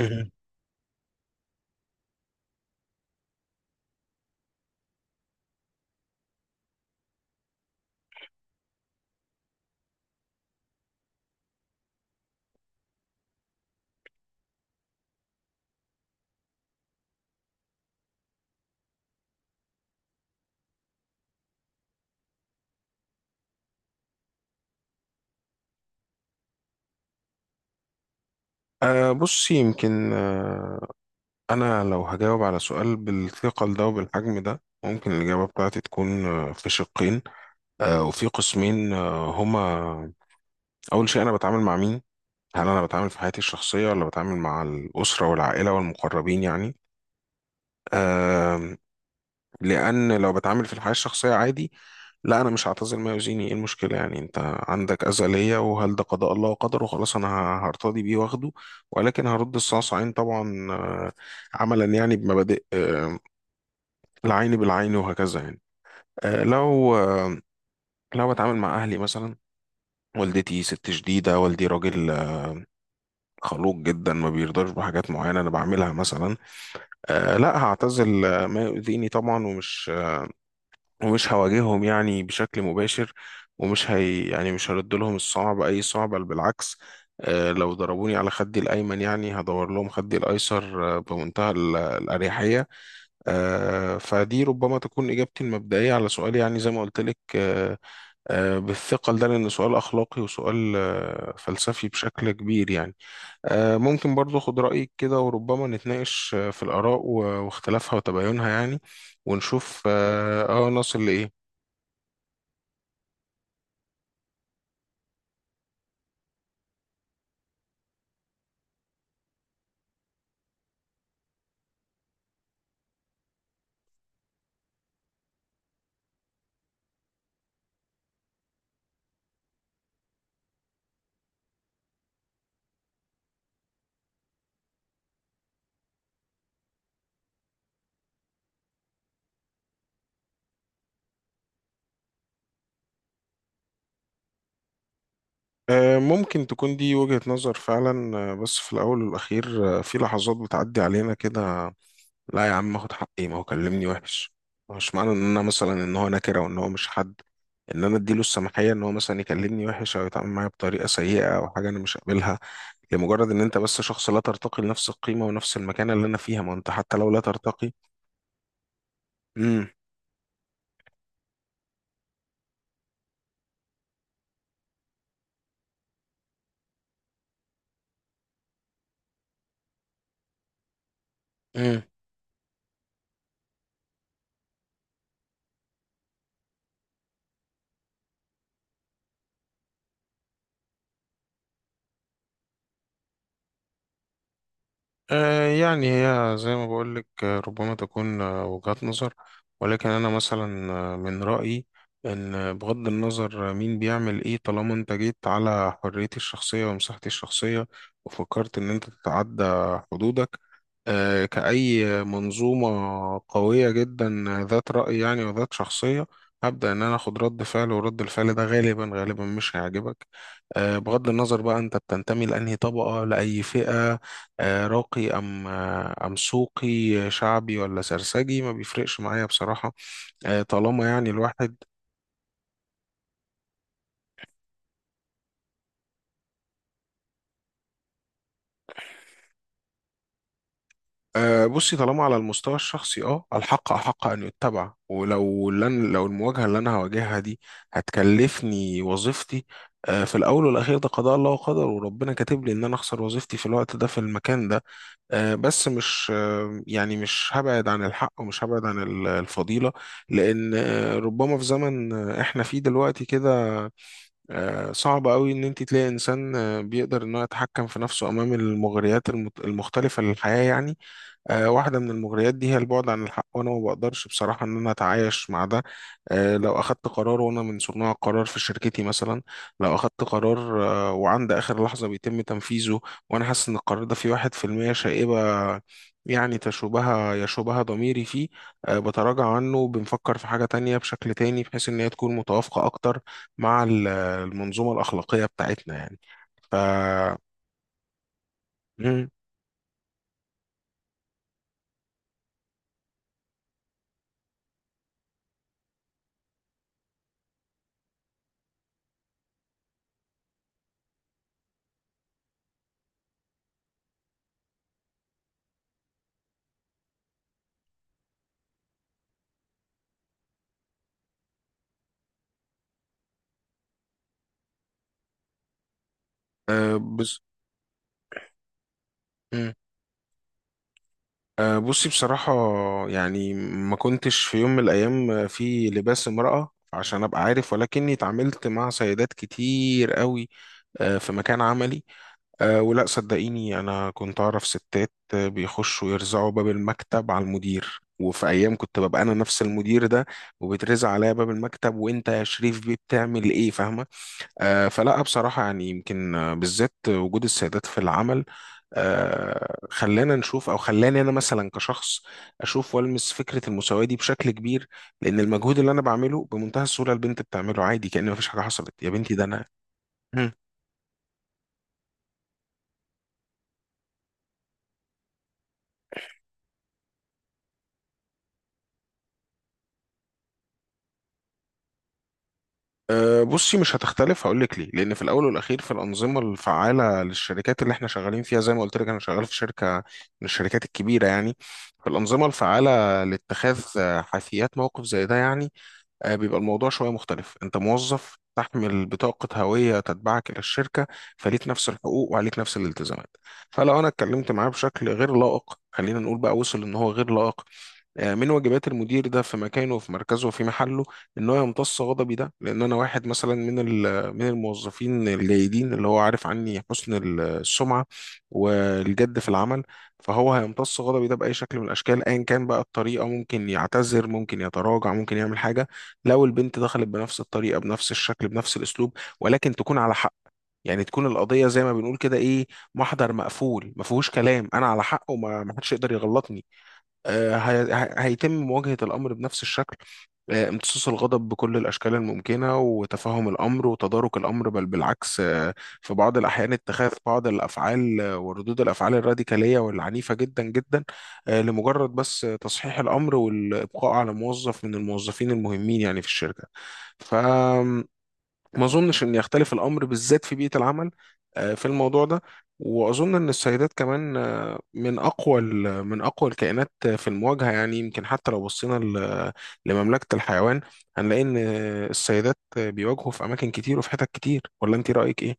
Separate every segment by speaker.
Speaker 1: مهم. بص، يمكن أنا لو هجاوب على سؤال بالثقل ده وبالحجم ده، ممكن الإجابة بتاعتي تكون في شقين وفي قسمين هما. أول شيء، أنا بتعامل مع مين؟ هل أنا بتعامل في حياتي الشخصية ولا بتعامل مع الأسرة والعائلة والمقربين يعني؟ لان لو بتعامل في الحياه الشخصيه عادي، لا انا مش هعتذر ما يؤذيني، ايه المشكله يعني؟ انت عندك اذى ليا، وهل ده قضاء الله وقدره؟ خلاص انا هرتضي بيه واخده. ولكن هرد الصاص عين طبعا، عملا يعني بمبادئ، العين بالعين وهكذا يعني. آه، لو آه، لو بتعامل مع اهلي مثلا، والدتي ست شديده، والدي راجل خلوق جدا، ما بيرضاش بحاجات معينه انا بعملها مثلا. لا، هعتزل ما يؤذيني طبعا، ومش هواجههم يعني بشكل مباشر، ومش هي يعني مش هرد لهم الصعب، اي صعب، بل بالعكس. لو ضربوني على خدي الايمن، يعني هدور لهم خدي الايسر بمنتهى الاريحيه. فدي ربما تكون اجابتي المبدئيه على سؤال، يعني زي ما قلت لك، بالثقل ده، لان سؤال اخلاقي وسؤال فلسفي بشكل كبير يعني. ممكن برضو اخد رايك كده، وربما نتناقش في الاراء واختلافها وتباينها يعني، ونشوف نصل لايه. ممكن تكون دي وجهة نظر فعلا، بس في الأول والأخير في لحظات بتعدي علينا كده. لا يا عم، اخد حقي، ما هو كلمني وحش. مش معنى إن أنا مثلا إن هو نكرة وإن هو مش حد، إن أنا أديله السماحية إن هو مثلا يكلمني وحش أو يتعامل معايا بطريقة سيئة أو حاجة أنا مش قابلها، لمجرد إن أنت بس شخص لا ترتقي لنفس القيمة ونفس المكانة اللي أنا فيها. ما أنت حتى لو لا ترتقي. امم. امم. يعني هي زي ما بقولك، ربما تكون وجهات نظر. ولكن أنا مثلا من رأيي إن، بغض النظر مين بيعمل إيه، طالما أنت جيت على حريتي الشخصية ومساحتي الشخصية وفكرت إن أنت تتعدى حدودك، كأي منظومة قوية جدا، ذات رأي يعني وذات شخصية، هبدأ إن أنا أخد رد فعل، ورد الفعل ده غالبا غالبا مش هيعجبك. بغض النظر بقى أنت بتنتمي لأنهي طبقة، لأي فئة، راقي أم أم سوقي، شعبي ولا سرسجي، ما بيفرقش معايا بصراحة. طالما يعني الواحد. بصي، طالما على المستوى الشخصي، الحق أحق أن يتبع، ولو، لن لو المواجهة اللي أنا هواجهها دي هتكلفني وظيفتي، في الأول والأخير ده قضاء الله وقدر، وربنا كاتب لي إن أنا أخسر وظيفتي في الوقت ده في المكان ده. بس مش، يعني مش هبعد عن الحق، ومش هبعد عن الفضيلة. لأن ربما في زمن إحنا فيه دلوقتي كده، صعب قوي ان انت تلاقي انسان بيقدر ان هو يتحكم في نفسه امام المغريات المختلفه للحياه يعني. واحده من المغريات دي هي البعد عن الحق، وانا ما بقدرش بصراحه ان انا اتعايش مع ده. لو اخدت قرار، وانا من صناع القرار في شركتي مثلا، لو اخدت قرار وعند اخر لحظه بيتم تنفيذه، وانا حاسس ان القرار ده فيه 1% شائبه، يعني يشوبها ضميري فيه، بتراجع عنه، بنفكر في حاجة تانية بشكل تاني، بحيث إن هي تكون متوافقة أكتر مع المنظومة الأخلاقية بتاعتنا يعني. ف مم. بص. مم. بصي بصراحة، يعني ما كنتش في يوم من الأيام في لباس امرأة عشان أبقى عارف، ولكني اتعاملت مع سيدات كتير قوي في مكان عملي. ولا صدقيني، أنا كنت أعرف ستات بيخشوا يرزعوا باب المكتب على المدير، وفي أيام كنت ببقى أنا نفس المدير ده وبترزع عليا باب المكتب: وأنت يا شريف بيه بتعمل إيه؟ فاهمة؟ فلا بصراحة يعني، يمكن بالذات وجود السيدات في العمل خلانا نشوف، أو خلاني أنا مثلا كشخص أشوف وألمس فكرة المساواة دي بشكل كبير. لأن المجهود اللي أنا بعمله بمنتهى السهولة البنت بتعمله عادي، كأن مفيش حاجة حصلت يا بنتي، ده أنا. مم. بصي، مش هتختلف، هقول لك ليه. لان في الاول والاخير، في الانظمه الفعاله للشركات اللي احنا شغالين فيها، زي ما قلت لك انا شغال في شركه من الشركات الكبيره يعني، في الانظمه الفعاله لاتخاذ حيثيات موقف زي ده يعني، بيبقى الموضوع شوية مختلف. أنت موظف تحمل بطاقة هوية تتبعك إلى الشركة، فليك نفس الحقوق وعليك نفس الالتزامات. فلو أنا اتكلمت معاه بشكل غير لائق، خلينا نقول بقى وصل إن هو غير لائق، من واجبات المدير ده في مكانه وفي مركزه وفي محله ان هو يمتص غضبي ده، لان انا واحد مثلا من الموظفين الجيدين اللي هو عارف عني حسن السمعه والجد في العمل. فهو هيمتص غضبي ده باي شكل من الاشكال، ايا كان بقى الطريقه. ممكن يعتذر، ممكن يتراجع، ممكن يعمل حاجه. لو البنت دخلت بنفس الطريقه بنفس الشكل بنفس الاسلوب، ولكن تكون على حق، يعني تكون القضيه زي ما بنقول كده، ايه، محضر مقفول ما فيهوش كلام، انا على حق وما ما حدش يقدر يغلطني. هيتم مواجهة الأمر بنفس الشكل، امتصاص الغضب بكل الأشكال الممكنة وتفهم الأمر وتدارك الأمر، بل بالعكس. في بعض الأحيان اتخاذ بعض الأفعال وردود الأفعال الراديكالية والعنيفة جدا جدا، لمجرد بس تصحيح الأمر والإبقاء على موظف من الموظفين المهمين يعني في الشركة. ما اظنش ان يختلف الامر بالذات في بيئه العمل في الموضوع ده. واظن ان السيدات كمان من اقوى من اقوى الكائنات في المواجهه يعني، يمكن حتى لو بصينا لمملكه الحيوان، هنلاقي ان السيدات بيواجهوا في اماكن كتير وفي حتت كتير. ولا انت رايك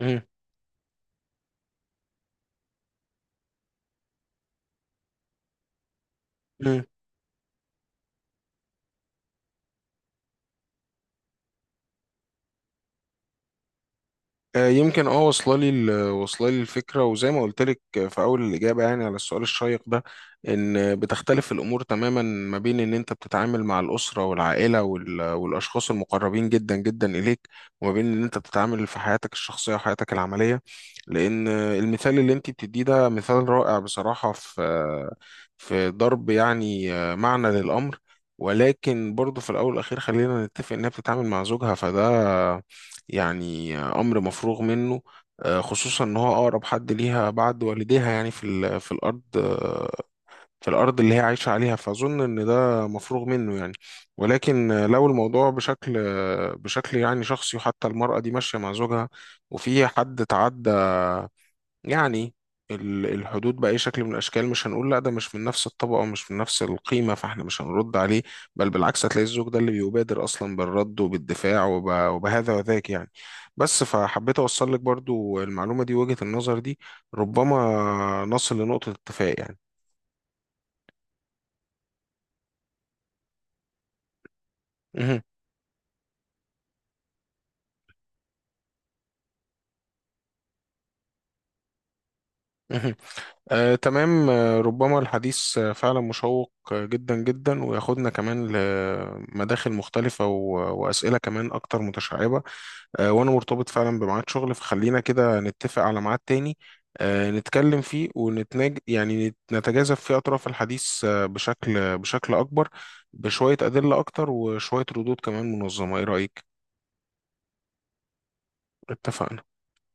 Speaker 1: ايه؟ مم. يمكن واصله لي واصله لي الفكره، وزي ما قلت لك في اول الاجابه يعني على السؤال الشيق ده، ان بتختلف الامور تماما ما بين ان انت بتتعامل مع الاسره والعائله والاشخاص المقربين جدا جدا اليك، وما بين ان انت بتتعامل في حياتك الشخصيه وحياتك العمليه. لان المثال اللي انت بتديه ده مثال رائع بصراحه، في ضرب يعني معنى للامر. ولكن برضه في الاول والاخير خلينا نتفق انها بتتعامل مع زوجها، فده يعني امر مفروغ منه. خصوصا ان هو اقرب حد ليها بعد والديها يعني في الارض، اللي هي عايشه عليها، فاظن ان ده مفروغ منه يعني. ولكن لو الموضوع بشكل، بشكل يعني شخصي، وحتى المراه دي ماشيه مع زوجها وفي حد تعدى يعني الحدود بأي شكل من الأشكال، مش هنقول لا ده مش من نفس الطبقة ومش من نفس القيمة فاحنا مش هنرد عليه. بل بالعكس، هتلاقي الزوج ده اللي بيبادر أصلا بالرد وبالدفاع وبهذا وذاك يعني. بس فحبيت أوصل لك برضو المعلومة دي، وجهة النظر دي ربما نصل لنقطة اتفاق يعني. مهم. مهم. تمام. ربما الحديث فعلا مشوق جدا جدا، وياخدنا كمان لمداخل مختلفة وأسئلة كمان أكتر متشعبة. وانا مرتبط فعلا بميعاد شغل، فخلينا كده نتفق على ميعاد تاني نتكلم فيه يعني نتجاذب فيه اطراف الحديث بشكل اكبر، بشوية ادلة اكتر وشوية ردود كمان منظمة. ايه رأيك؟ اتفقنا.